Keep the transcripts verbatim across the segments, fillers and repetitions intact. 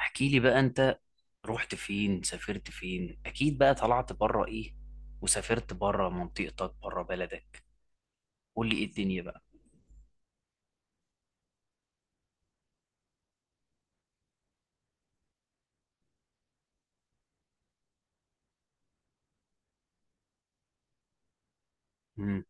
احكي لي بقى انت، رحت فين؟ سافرت فين؟ اكيد بقى طلعت بره، ايه؟ وسافرت بره منطقتك، بره بلدك. قول لي ايه الدنيا بقى. امم.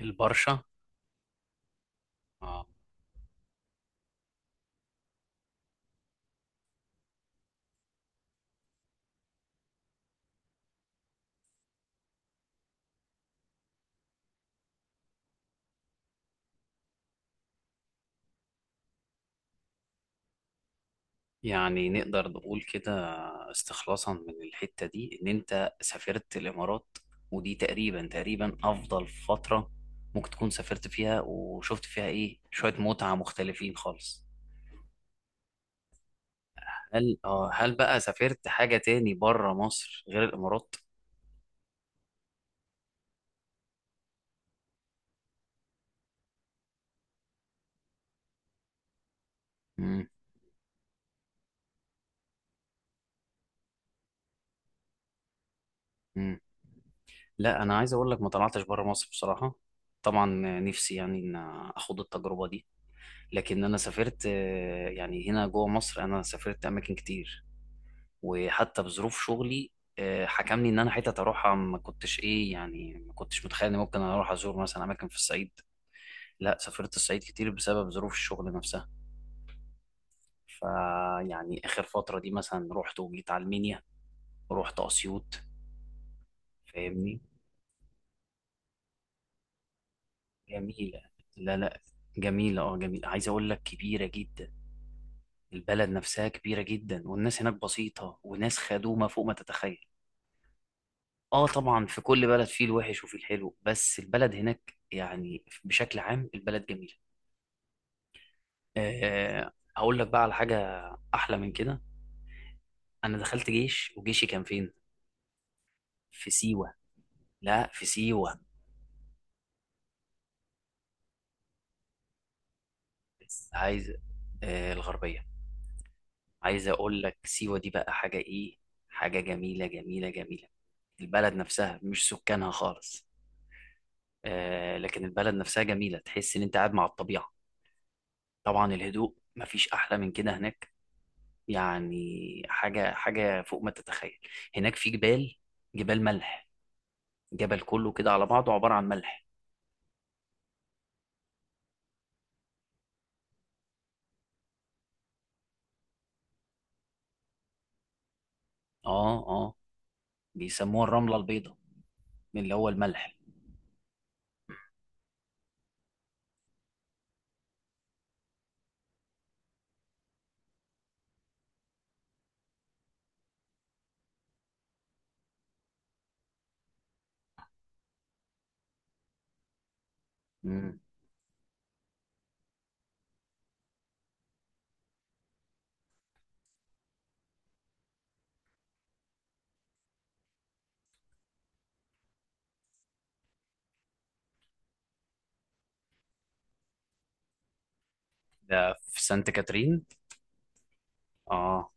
البرشا. اه، يعني نقدر نقول كده، استخلاصا من الحتة دي ان انت سافرت الامارات، ودي تقريبا تقريبا افضل فترة ممكن تكون سافرت فيها وشفت فيها ايه شوية متعة مختلفين خالص. هل اه هل بقى سافرت حاجة تاني بره مصر غير الامارات؟ امم. لا، انا عايز اقول لك ما طلعتش بره مصر بصراحه. طبعا نفسي يعني ان اخد التجربه دي، لكن انا سافرت آه، يعني هنا جوه مصر انا سافرت اماكن كتير، وحتى بظروف شغلي. آه، حكمني ان انا حتت اروحها ما كنتش ايه، يعني ما كنتش متخيل ان ممكن اروح ازور مثلا اماكن في الصعيد. لا سافرت الصعيد كتير بسبب ظروف الشغل نفسها، فيعني اخر فتره دي مثلا رحت وجيت على المنيا ورحت اسيوط. فاهمني؟ جميله. لا لا، جميلة. اه جميلة، عايز اقول لك كبيرة جدا. البلد نفسها كبيرة جدا، والناس هناك بسيطة، وناس خدومة فوق ما تتخيل. اه طبعا في كل بلد فيه الوحش وفيه الحلو، بس البلد هناك يعني بشكل عام البلد جميلة. آه، هقول لك بقى على حاجة أحلى من كده. أنا دخلت جيش، وجيشي كان فين؟ في سيوة. لا، في سيوة. بس عايز، آه، الغربية. عايز أقول لك سيوة دي بقى حاجة إيه؟ حاجة جميلة جميلة جميلة. البلد نفسها، مش سكانها خالص. آه، لكن البلد نفسها جميلة، تحس إن أنت قاعد مع الطبيعة. طبعا الهدوء مفيش احلى من كده هناك، يعني حاجه حاجه فوق ما تتخيل. هناك في جبال، جبال ملح، جبل كله كده على بعضه عباره عن ملح. اه اه، بيسموها الرمله البيضاء، من اللي هو الملح. امم. ده في سانت كاترين. اه،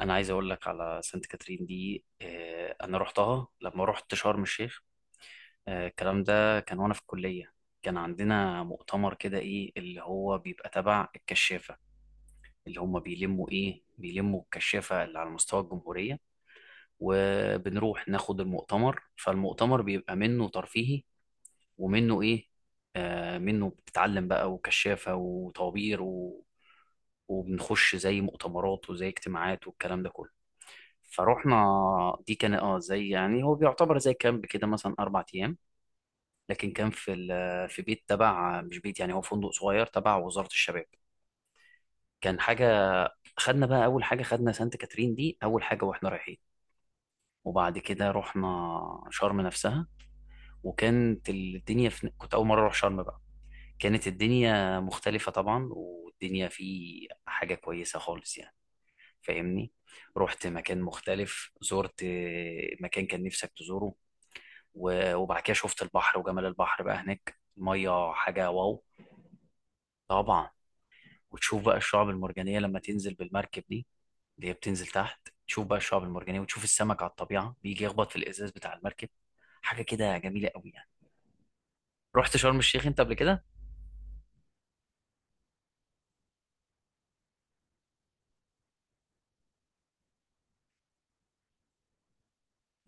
انا عايز اقول لك على سانت كاترين دي، آه انا رحتها لما رحت شرم الشيخ. آه، الكلام ده كان وانا في الكليه. كان عندنا مؤتمر كده، ايه، اللي هو بيبقى تبع الكشافه، اللي هم بيلموا، ايه بيلموا الكشافة اللي على مستوى الجمهورية. وبنروح ناخد المؤتمر، فالمؤتمر بيبقى منه ترفيهي، ومنه ايه، آه، منه بتتعلم بقى، وكشافة، وطوابير، و... وبنخش زي مؤتمرات وزي اجتماعات والكلام ده كله. فروحنا. دي كان اه زي يعني هو بيعتبر زي كامب كده، مثلا اربع ايام. لكن كان في ال... في بيت تبع، مش بيت يعني، هو فندق صغير تبع وزارة الشباب. كان حاجة. خدنا بقى اول حاجه، خدنا سانت كاترين دي اول حاجه واحنا رايحين، وبعد كده رحنا شرم نفسها. وكانت الدنيا في... كنت اول مره اروح شرم بقى. كانت الدنيا مختلفه طبعا، والدنيا في حاجه كويسه خالص يعني. فاهمني؟ رحت مكان مختلف، زرت مكان كان نفسك تزوره. و- وبعد كده شفت البحر وجمال البحر بقى هناك، الميه حاجه واو. طبعا، وتشوف بقى الشعب المرجانيه لما تنزل بالمركب دي، اللي هي بتنزل تحت تشوف بقى الشعب المرجانية، وتشوف السمك على الطبيعة بيجي يخبط في الإزاز بتاع المركب. حاجة كده جميلة قوي يعني. رحت شرم الشيخ أنت قبل كده؟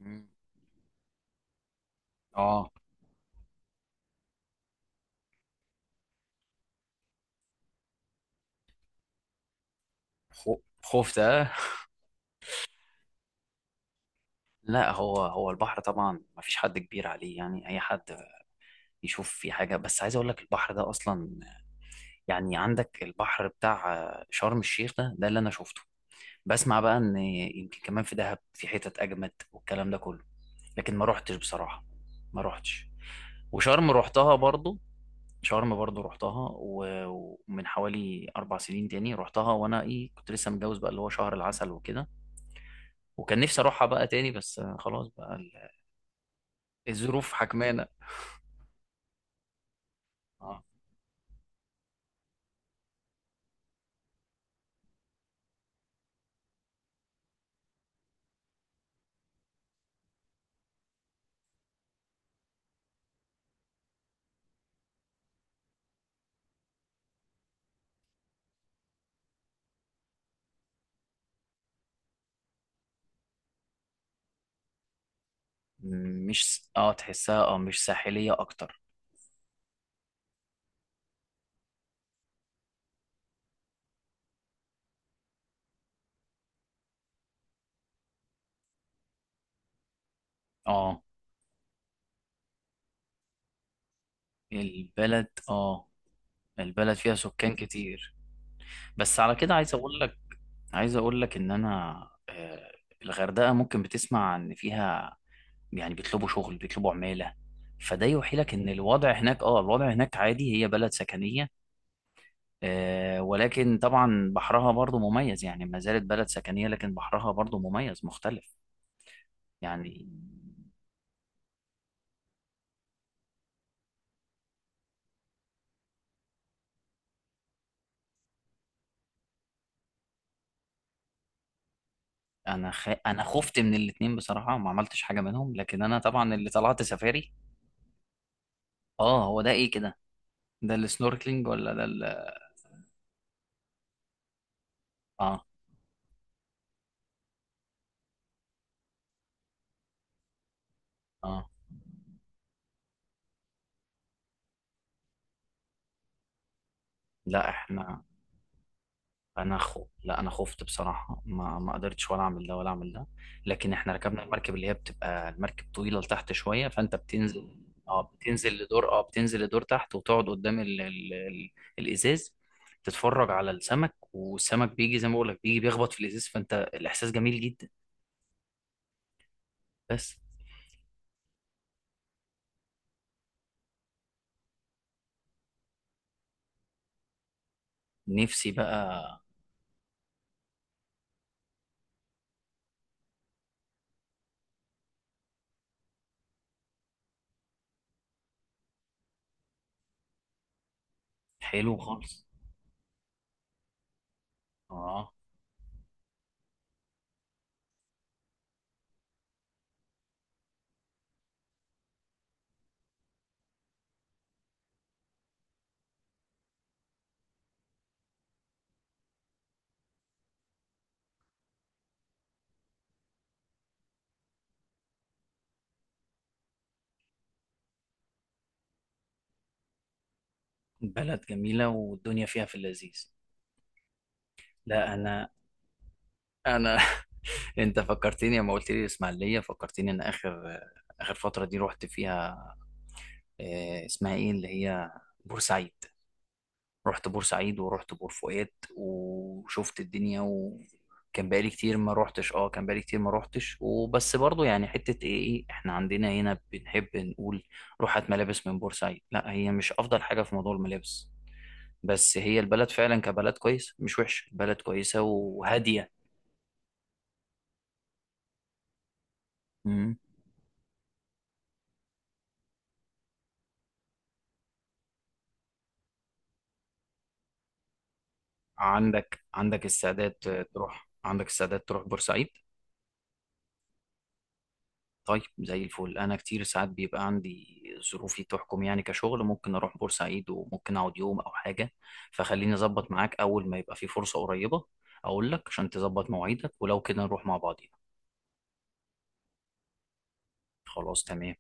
مم. اه. خو- خفت آه؟ لا، هو هو البحر طبعا ما فيش حد كبير عليه، يعني اي حد يشوف في حاجه، بس عايز اقول لك البحر ده اصلا، يعني عندك البحر بتاع آه، شرم الشيخ، ده ده اللي انا شفته. بسمع بقى ان يمكن كمان في دهب، في حتت اجمد والكلام ده كله، لكن ما روحتش بصراحه. ما روحتش. وشرم روحتها برضو. شرم برضو رحتها، و- ومن حوالي اربع سنين تاني رحتها، وأنا إيه كنت لسه متجوز بقى اللي هو شهر العسل وكده. وكان نفسي أروحها بقى تاني، بس آه، خلاص بقى ال- الظروف حكمانة. آه، مش س- آه تحسها، آه مش ساحلية أكتر. آه البلد، آه البلد فيها سكان كتير. بس على كده عايز أقول لك، عايز أقول لك إن أنا، آه، الغردقة ممكن بتسمع إن فيها يعني بيطلبوا شغل، بيطلبوا عمالة، فده يوحي لك ان الوضع هناك اه الوضع هناك عادي، هي بلد سكنية. آه، ولكن طبعا بحرها برضو مميز، يعني ما زالت بلد سكنية لكن بحرها برضو مميز مختلف يعني. انا خ... انا خفت من الاتنين بصراحة، ما عملتش حاجة منهم، لكن انا طبعا اللي طلعت سفاري. اه هو ده ايه كده، ده السنوركلينج ولا ده ال...؟ اه اه. لا احنا، انا خو... لا انا خفت بصراحه، ما ما قدرتش ولا اعمل ده ولا اعمل ده. لكن احنا ركبنا المركب اللي هي بتبقى المركب طويله لتحت شويه، فانت بتنزل. اه بتنزل لدور اه بتنزل لدور تحت، وتقعد قدام ال... ال... ال... الازاز، تتفرج على السمك، والسمك بيجي زي ما بقول لك بيجي بيخبط في الازاز، فانت الاحساس جميل جدا. بس. نفسي بقى. حلو خالص. اه، بلد جميله والدنيا فيها في اللذيذ. لا انا، انا، انت فكرتني لما قلت لي الاسماعيليه، فكرتني ان اخر اخر فتره دي رحت فيها، آه، اسمها ايه، اللي هي بورسعيد. رحت بورسعيد ورحت بور فؤاد وشفت الدنيا، وكان بقالي كتير ما روحتش. اه، كان بقالي كتير ما روحتش، وبس برضو، يعني حته ايه ايه، احنا عندنا هنا بنحب نقول روحت ملابس من بورسعيد. لا، هي مش افضل حاجه في موضوع الملابس، بس هي البلد فعلا كبلد كويس، مش وحش، البلد كويسه وهاديه. عندك عندك استعداد تروح، عندك استعداد تروح بورسعيد؟ طيب زي الفل، انا كتير ساعات بيبقى عندي ظروفي تحكم يعني كشغل، ممكن اروح بورسعيد وممكن اقعد يوم او حاجه، فخليني اظبط معاك اول ما يبقى في فرصه قريبه، اقول لك عشان تظبط مواعيدك ولو كده نروح مع بعضينا. خلاص تمام.